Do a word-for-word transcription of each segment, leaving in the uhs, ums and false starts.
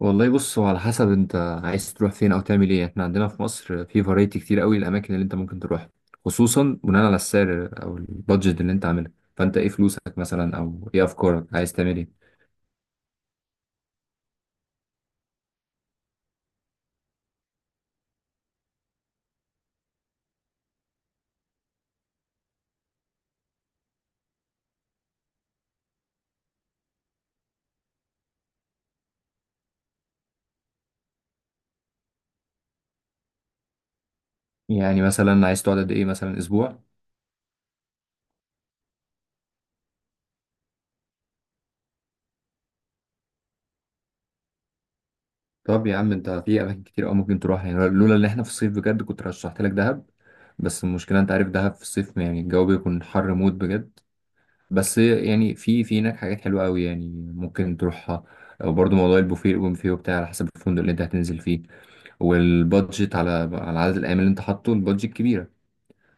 والله بص هو على حسب انت عايز تروح فين او تعمل ايه. احنا عندنا في مصر في فرايتي كتير قوي الاماكن اللي انت ممكن تروح، خصوصا بناء على السعر او البادجت اللي انت عاملها. فانت ايه فلوسك مثلا، او ايه افكارك، عايز تعمل ايه؟ يعني مثلا عايز تقعد قد ايه، مثلا اسبوع؟ طب يا عم، انت في اماكن كتير قوي ممكن تروح، يعني لولا ان احنا في الصيف بجد كنت رشحت لك دهب. بس المشكله انت عارف دهب في الصيف يعني الجو بيكون حر موت بجد. بس يعني في في هناك حاجات حلوة قوي، يعني ممكن تروحها. وبرضه موضوع البوفيه الاوبن بوفيه وبتاع على حسب الفندق اللي انت هتنزل فيه، والبادجت على على عدد الايام اللي انت حاطه. البادجت كبيرة،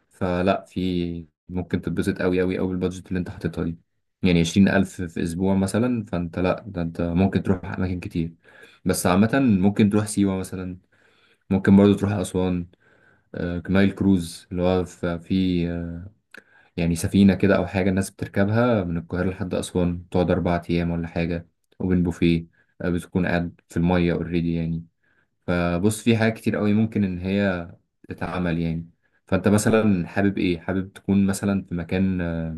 فلا في ممكن تتبسط قوي قوي قوي بالبادجت اللي انت حاططها دي. يعني عشرين ألف في أسبوع مثلا، فأنت لأ، ده أنت ممكن تروح أماكن كتير. بس عامة ممكن تروح سيوة مثلا، ممكن برضه تروح أسوان. آه، نايل كروز اللي هو في في آه، يعني سفينة كده أو حاجة الناس بتركبها من القاهرة لحد أسوان، تقعد أربع أيام ولا حاجة. وبين بوفيه، آه، بتكون قاعد في المية أوريدي يعني. فبص في حاجات كتير قوي ممكن إن هي تتعمل يعني. فأنت مثلا حابب إيه؟ حابب تكون مثلا في مكان آه،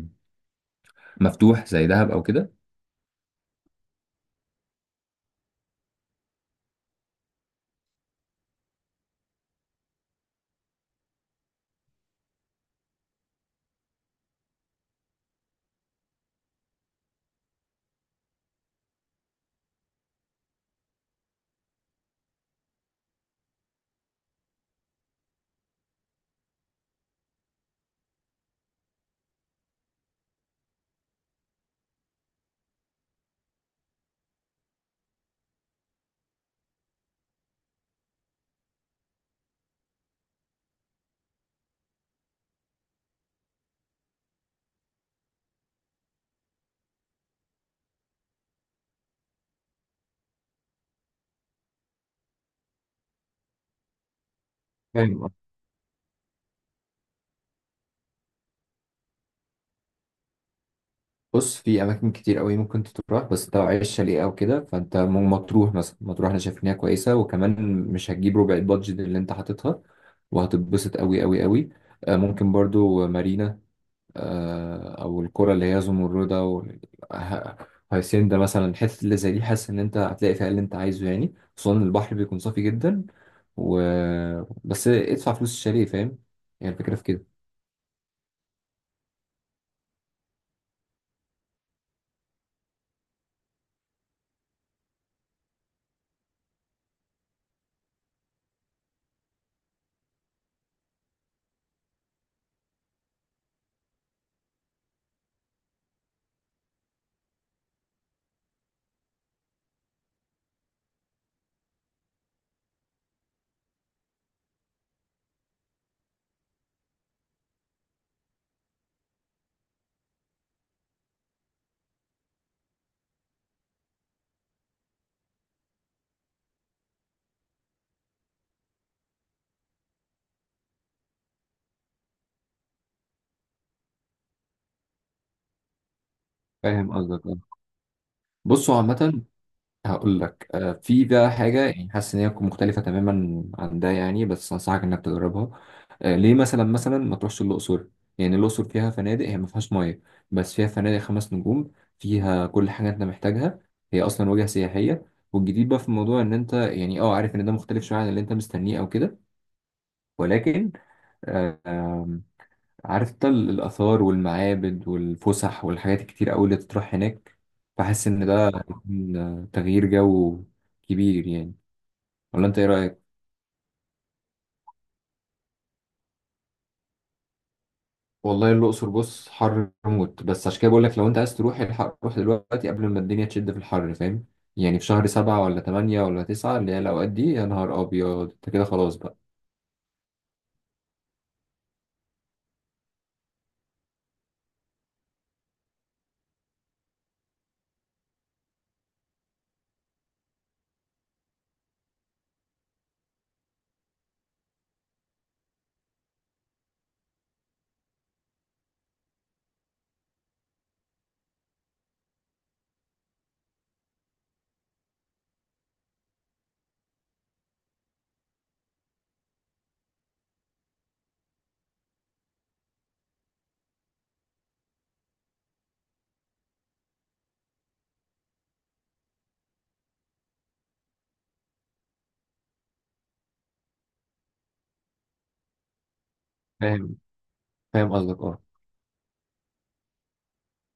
مفتوح زي دهب أو كده؟ فاهم قصدك. بص في اماكن كتير قوي ممكن تروح، بس انت لو عايز شاليه او كده فانت م- مطروح، مثلا مطروح انا شايف ان هي كويسه، وكمان مش هتجيب ربع البادجت اللي انت حاططها، وهتتبسط قوي قوي قوي. آه، ممكن برضو مارينا، آه، او الكرة اللي هي زمردة وهيسين. ده مثلا الحتت اللي زي دي حاسس ان انت هتلاقي فيها اللي انت عايزه يعني، خصوصا إن البحر بيكون صافي جدا. و بس ادفع فلوس الشاليه، فاهم، يعني الفكرة في كده. فاهم قصدك آه. بصوا عامة هقول لك آه، في ده حاجة، يعني حاسس إن هي تكون مختلفة تماما عن ده يعني، بس أنصحك إنك تجربها. آه، ليه مثلا مثلا ما تروحش الأقصر؟ يعني الأقصر فيها فنادق، هي ما فيهاش مية، بس فيها فنادق خمس نجوم. فيها كل حاجة أنت محتاجها، هي أصلا وجهة سياحية. والجديد بقى في الموضوع إن أنت يعني أه عارف إن ده مختلف شوية عن اللي أنت مستنيه أو كده، ولكن آه، عارف انت ال- الآثار والمعابد والفسح والحاجات الكتير قوي اللي تطرح هناك. فحاسس إن ده هيكون تغيير جو كبير يعني. ولا أنت إيه رأيك؟ والله الأقصر بص حر موت، بس عشان كده بقول لك لو أنت عايز تروح الحق روح دلوقتي قبل ما الدنيا تشد في الحر، فاهم؟ يعني في شهر سبعة ولا تمانية ولا تسعة اللي هي الأوقات دي يا نهار أبيض، أنت كده خلاص بقى. فاهم. فاهم قصدك أه.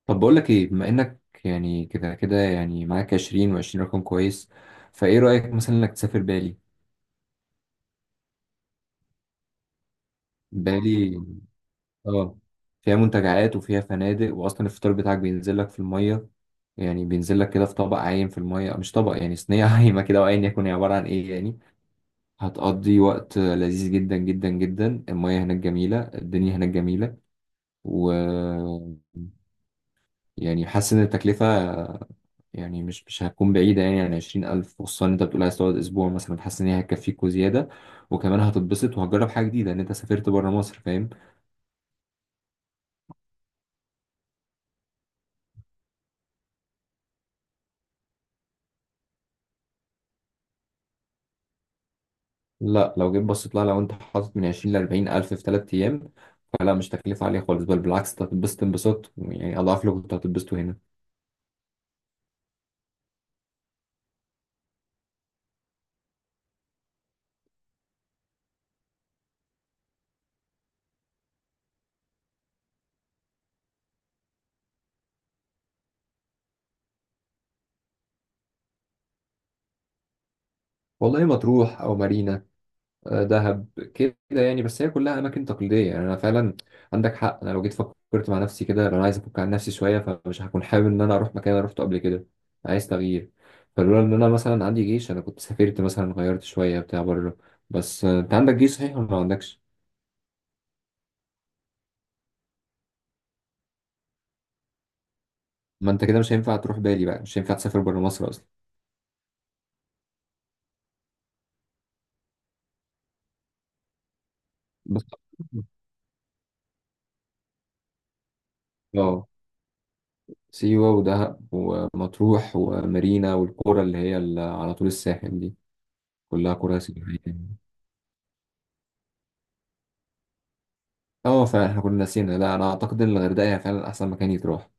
طب بقول لك إيه، بما إنك يعني كده كده يعني معاك عشرين و20 رقم كويس. فإيه رأيك مثلا إنك تسافر بالي؟ بقالي اه، فيها منتجعات وفيها فنادق، واصلا الفطار بتاعك بينزل لك في الميه. يعني بينزل لك كده في طبق عايم في الميه، مش طبق يعني صينيه عايمه كده، وايا يكن هي عباره عن ايه يعني. هتقضي وقت لذيذ جدا جدا جدا، الميه هناك جميله، الدنيا هناك جميله. و يعني حاسس ان التكلفه يعني مش مش هتكون بعيده يعني عن عشرين ألف، خصوصا إن انت بتقول عايز تقعد اسبوع مثلا، حاسس ان هي هتكفيك وزياده. وكمان هتتبسط وهتجرب حاجه جديده ان انت سافرت بره مصر، فاهم. لا لو جيت بصيت لها، لو انت حاطط من عشرين ل أربعين الف في ثلاث ايام فلا مش تكلفه عاليه خالص، بل بالعكس انت هتتبسط انبساط يعني اضعاف اللي كنت هتتبسطه هنا. والله مطروح او مارينا، آه، دهب، كده يعني، بس هي كلها اماكن تقليديه يعني. انا فعلا عندك حق، انا لو جيت فكرت مع نفسي كده، لو انا عايز افك عن نفسي شويه فمش هكون حابب ان انا اروح مكان انا روحته قبل كده. عايز تغيير. فلولا ان انا مثلا عندي جيش انا كنت سافرت مثلا غيرت شويه بتاع بره. بس آه، انت عندك جيش صحيح ولا ما عندكش؟ ما انت كده مش هينفع تروح بالي بقى، مش هينفع تسافر بره مصر اصلا. بس اه، سيوة ودهب ومطروح ومارينا والقرى اللي هي ال- على طول الساحل دي كلها قرى سياحية يعني. اه فعلا احنا كنا نسينا، لا انا اعتقد ان الغردقة هي فعلا احسن مكان يتروح.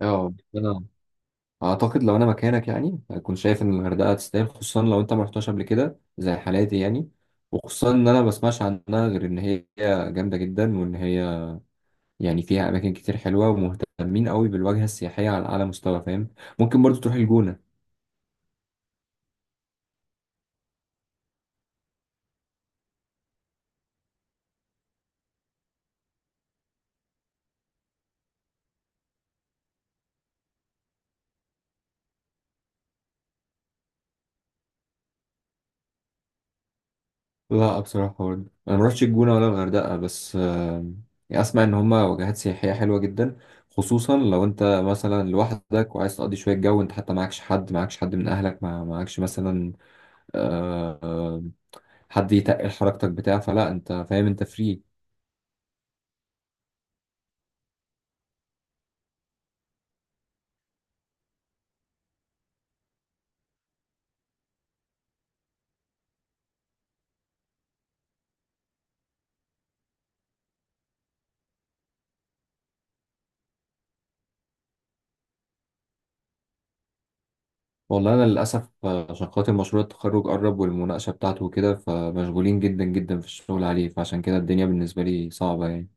اه، انا اعتقد لو انا مكانك يعني هكون شايف ان الغردقة تستاهل، خصوصا لو انت ما رحتهاش قبل كده زي حالاتي يعني. وخصوصا ان انا ما بسمعش عنها غير ان هي جامدة جدا، وان هي يعني فيها اماكن كتير حلوة، ومهتمين قوي بالواجهة السياحية على اعلى مستوى، فاهم. ممكن برضو تروح الجونة. لا بصراحة برضه أنا مروحتش الجونة ولا الغردقة، بس آم، يعني أسمع إن هما وجهات سياحية حلوة جدا. خصوصا لو أنت مثلا لوحدك وعايز تقضي شوية جو، أنت حتى معكش حد معكش حد من أهلك، مع- معكش مثلا آه، آه، حد يتقل حركتك بتاع، فلا أنت فاهم، أنت فري. والله أنا للأسف آه، عشان خاطر مشروع التخرج قرب والمناقشة بتاعته وكده، فمشغولين جدا جدا في الشغل عليه، فعشان كده الدنيا بالنسبة لي صعبة يعني